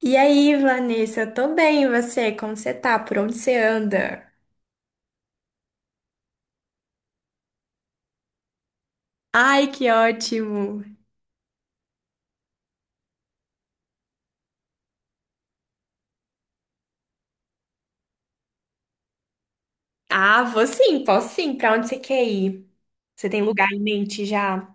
E aí, Vanessa, eu tô bem, e você? Como você tá? Por onde você anda? Ai, que ótimo! Ah, vou sim, posso sim. Pra onde você quer ir? Você tem lugar em mente já?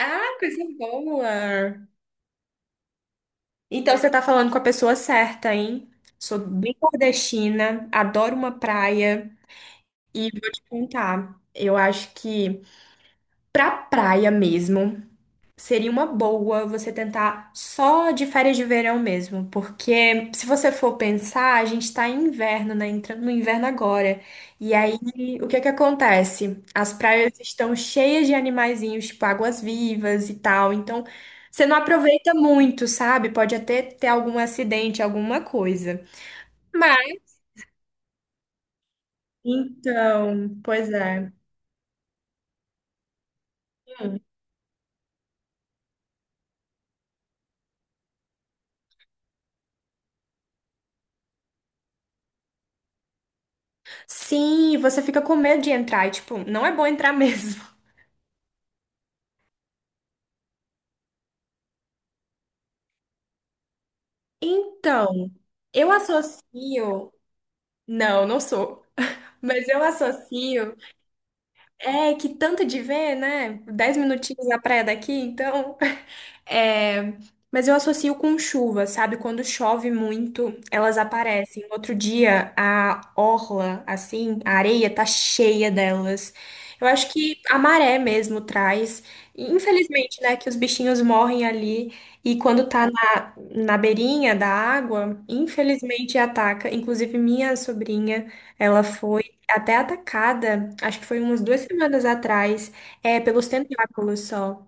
Ah, coisa boa! Então você tá falando com a pessoa certa, hein? Sou bem nordestina, adoro uma praia e vou te contar. Eu acho que pra praia mesmo, seria uma boa você tentar só de férias de verão mesmo, porque se você for pensar, a gente tá em inverno, né? Entrando no inverno agora. E aí, o que que acontece? As praias estão cheias de animaizinhos, tipo águas-vivas e tal. Então, você não aproveita muito, sabe? Pode até ter algum acidente, alguma coisa. Mas, então, pois é. Sim, você fica com medo de entrar. E, tipo, não é bom entrar mesmo. Então, eu associo. Não, não sou. Mas eu associo. É que tanto de ver, né? Dez minutinhos na praia daqui, então. É, mas eu associo com chuva, sabe? Quando chove muito, elas aparecem. Outro dia, a orla, assim, a areia tá cheia delas. Eu acho que a maré mesmo traz. E, infelizmente, né, que os bichinhos morrem ali. E quando tá na beirinha da água, infelizmente ataca. Inclusive, minha sobrinha, ela foi até atacada, acho que foi umas duas semanas atrás, é, pelos tentáculos só.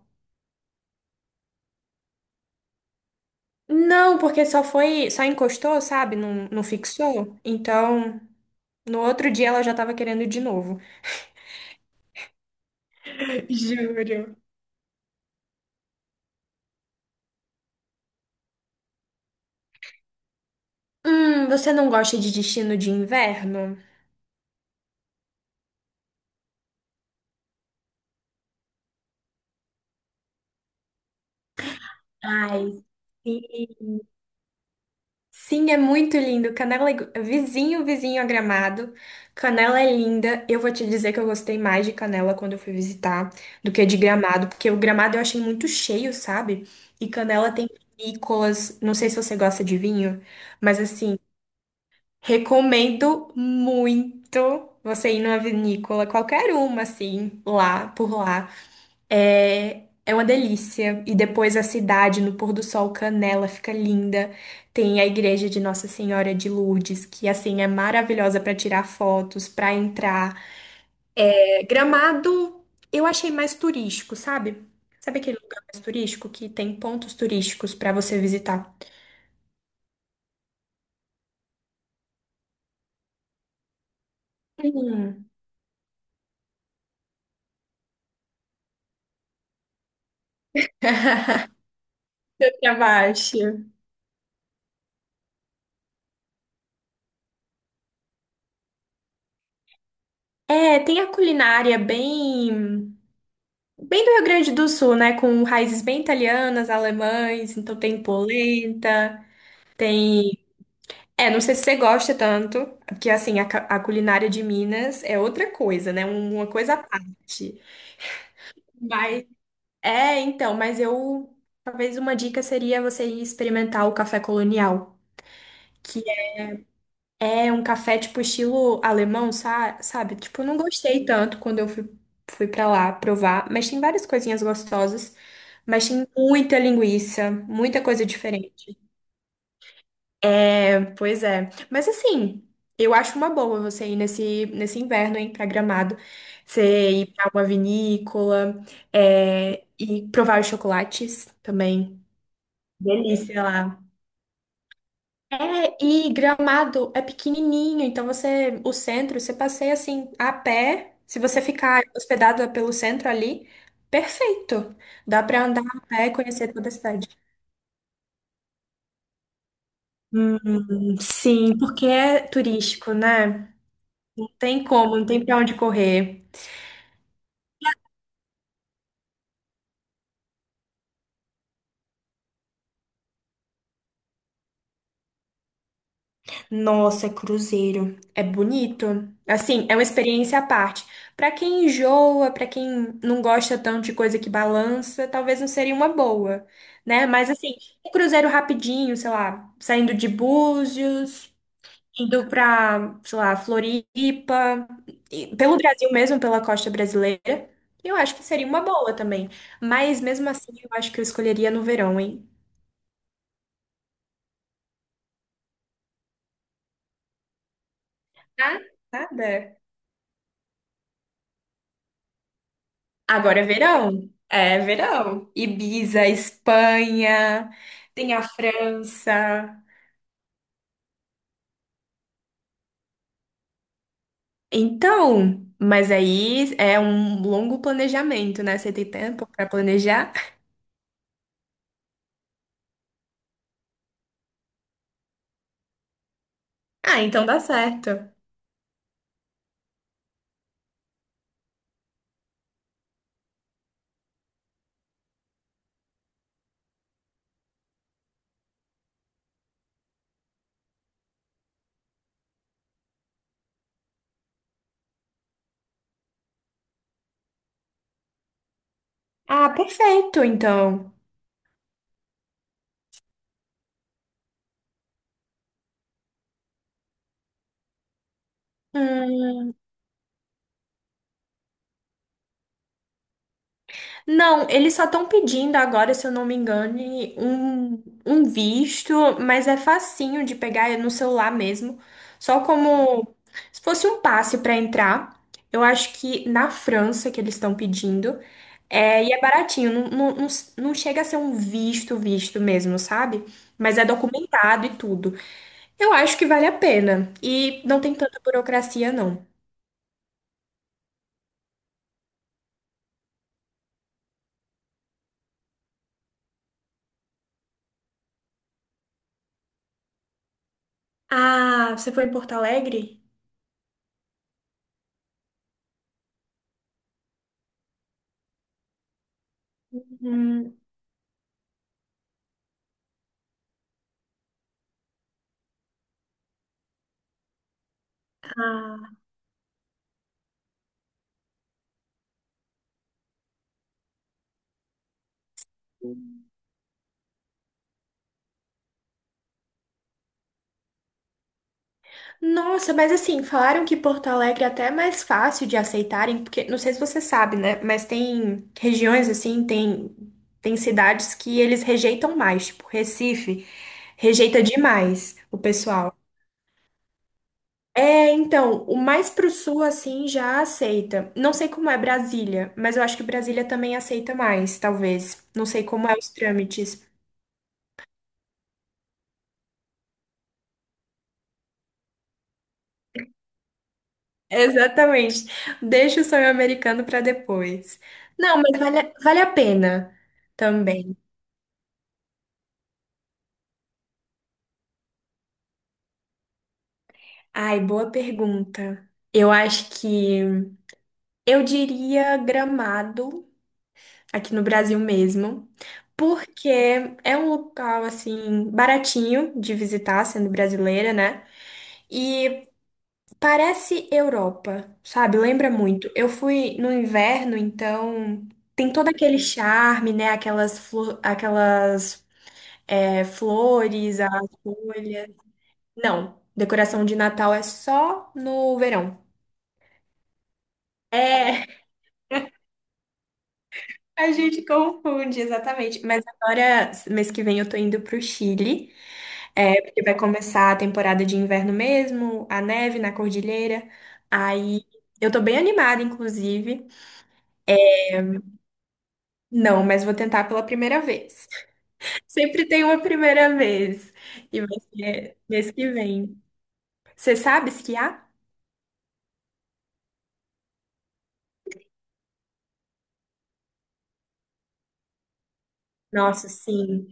Não, porque só foi, só encostou, sabe? Não, não fixou. Então, no outro dia ela já tava querendo de novo. Juro. Você não gosta de destino de inverno? Ai, sim. Sim, é muito lindo. Canela é vizinho, vizinho a Gramado. Canela é linda. Eu vou te dizer que eu gostei mais de Canela quando eu fui visitar do que de Gramado, porque o Gramado eu achei muito cheio, sabe? E Canela tem vinícolas. Não sei se você gosta de vinho, mas assim, recomendo muito você ir numa vinícola, qualquer uma, assim, lá, por lá. É uma delícia. E depois a cidade, no pôr do sol, Canela, fica linda. Tem a igreja de Nossa Senhora de Lourdes, que assim é maravilhosa para tirar fotos, para entrar. É, Gramado, eu achei mais turístico, sabe? Sabe aquele lugar mais turístico que tem pontos turísticos para você visitar? Hum. Pra baixo. É, tem a culinária bem, bem do Rio Grande do Sul, né? Com raízes bem italianas, alemães, então tem polenta, tem É, não sei se você gosta tanto, porque assim, a culinária de Minas é outra coisa, né? Uma coisa à parte. Mas é, então, mas eu talvez uma dica seria você ir experimentar o café colonial, que é um café tipo estilo alemão, sabe? Tipo, eu não gostei tanto quando eu fui, fui para lá provar, mas tem várias coisinhas gostosas, mas tem muita linguiça, muita coisa diferente. Pois é. Mas assim, eu acho uma boa você ir nesse inverno, hein, pra Gramado. Você ir pra uma vinícola, é, e provar os chocolates também. Delícia lá. É, e Gramado é pequenininho, então você, o centro, você passeia assim, a pé. Se você ficar hospedado pelo centro ali, perfeito. Dá pra andar a pé e conhecer toda a cidade. Sim, porque é turístico, né? Não tem como, não tem pra onde correr. Nossa, é cruzeiro. É bonito. Assim, é uma experiência à parte. Pra quem enjoa, pra quem não gosta tanto de coisa que balança, talvez não seria uma boa, né? Mas assim, um cruzeiro rapidinho, sei lá, saindo de Búzios, indo pra, sei lá, Floripa, e- pelo Brasil mesmo, pela costa brasileira, eu acho que seria uma boa também. Mas mesmo assim, eu acho que eu escolheria no verão, hein? Ah, nada. Agora é verão. É verão. Ibiza, Espanha, tem a França. Então, mas aí é um longo planejamento, né? Você tem tempo para planejar? Ah, então dá certo. Ah, perfeito, então. Hum. Não, eles só estão pedindo agora, se eu não me engano, um visto, mas é facinho de pegar é no celular mesmo. Só como se fosse um passe para entrar. Eu acho que na França que eles estão pedindo. É, e é baratinho, não, não, não, não chega a ser um visto, visto mesmo, sabe? Mas é documentado e tudo. Eu acho que vale a pena. E não tem tanta burocracia, não. Ah, você foi em Porto Alegre? Hum, Ah. Nossa, mas assim, falaram que Porto Alegre é até mais fácil de aceitarem, porque não sei se você sabe, né? Mas tem, regiões assim, tem cidades que eles rejeitam mais, tipo Recife, rejeita demais o pessoal. É, então, o mais pro sul assim já aceita. Não sei como é Brasília, mas eu acho que Brasília também aceita mais, talvez. Não sei como é os trâmites. Exatamente. Deixa o sonho americano para depois. Não, mas vale a pena também. Ai, boa pergunta. Eu acho que eu diria Gramado, aqui no Brasil mesmo, porque é um local assim baratinho de visitar, sendo brasileira, né? E parece Europa, sabe? Lembra muito. Eu fui no inverno, então tem todo aquele charme, né? Aquelas aquelas flores, as folhas. Não, decoração de Natal é só no verão. É, a gente confunde, exatamente. Mas agora, mês que vem, eu tô indo pro Chile, é, porque vai começar a temporada de inverno mesmo, a neve na cordilheira. Aí eu tô bem animada, inclusive. Não, mas vou tentar pela primeira vez. Sempre tem uma primeira vez. E vai ser mês que vem. Você sabe esquiar? Nossa, sim,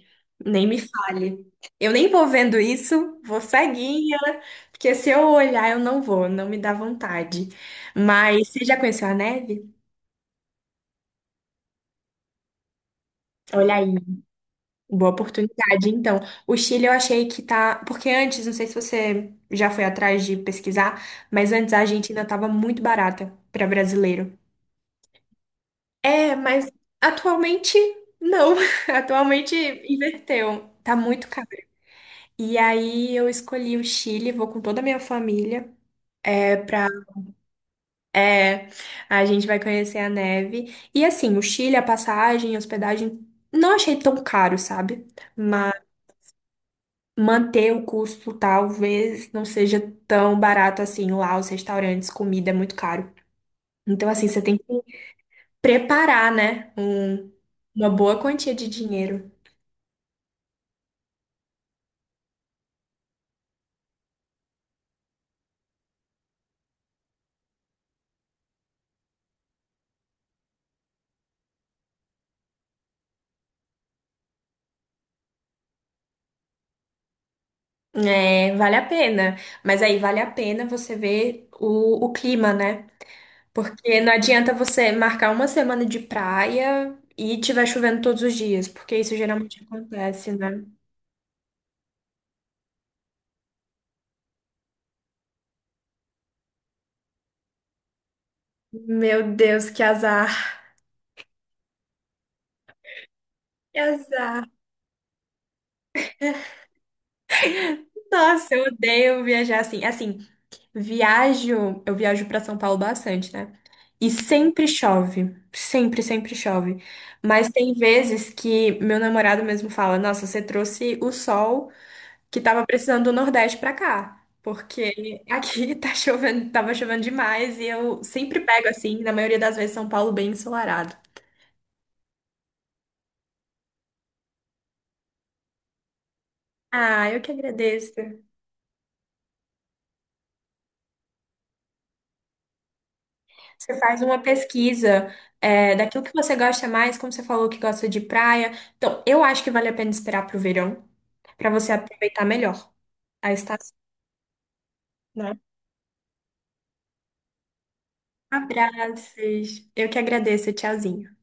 nem me fale. Eu nem vou vendo isso, vou ceguinha, porque se eu olhar eu não vou, não me dá vontade. Mas você já conheceu a neve? Olha aí, boa oportunidade. Então, o Chile eu achei que tá. Porque antes, não sei se você já foi atrás de pesquisar, mas antes a Argentina estava muito barata para brasileiro. É, mas atualmente não. Atualmente inverteu. Tá muito caro. E aí eu escolhi o Chile, vou com toda a minha família. É pra, é, a gente vai conhecer a neve. E assim, o Chile, a passagem, a hospedagem, não achei tão caro, sabe? Mas manter o custo talvez não seja tão barato assim. Lá os restaurantes, comida é muito caro. Então, assim, você tem que preparar, né? Uma boa quantia de dinheiro. É, vale a pena. Mas aí vale a pena você ver o clima, né? Porque não adianta você marcar uma semana de praia e tiver chovendo todos os dias, porque isso geralmente acontece, né? Meu Deus, que azar. Que azar. Nossa, eu odeio viajar assim. Assim, viajo, eu viajo pra São Paulo bastante, né? E sempre chove, sempre chove. Mas tem vezes que meu namorado mesmo fala: Nossa, você trouxe o sol que tava precisando do Nordeste pra cá, porque aqui tá chovendo, tava chovendo demais e eu sempre pego assim, na maioria das vezes, São Paulo bem ensolarado. Ah, eu que agradeço. Você faz uma pesquisa é, daquilo que você gosta mais, como você falou que gosta de praia. Então, eu acho que vale a pena esperar pro verão, pra você aproveitar melhor a estação, né? Abraços. Eu que agradeço. Tchauzinho.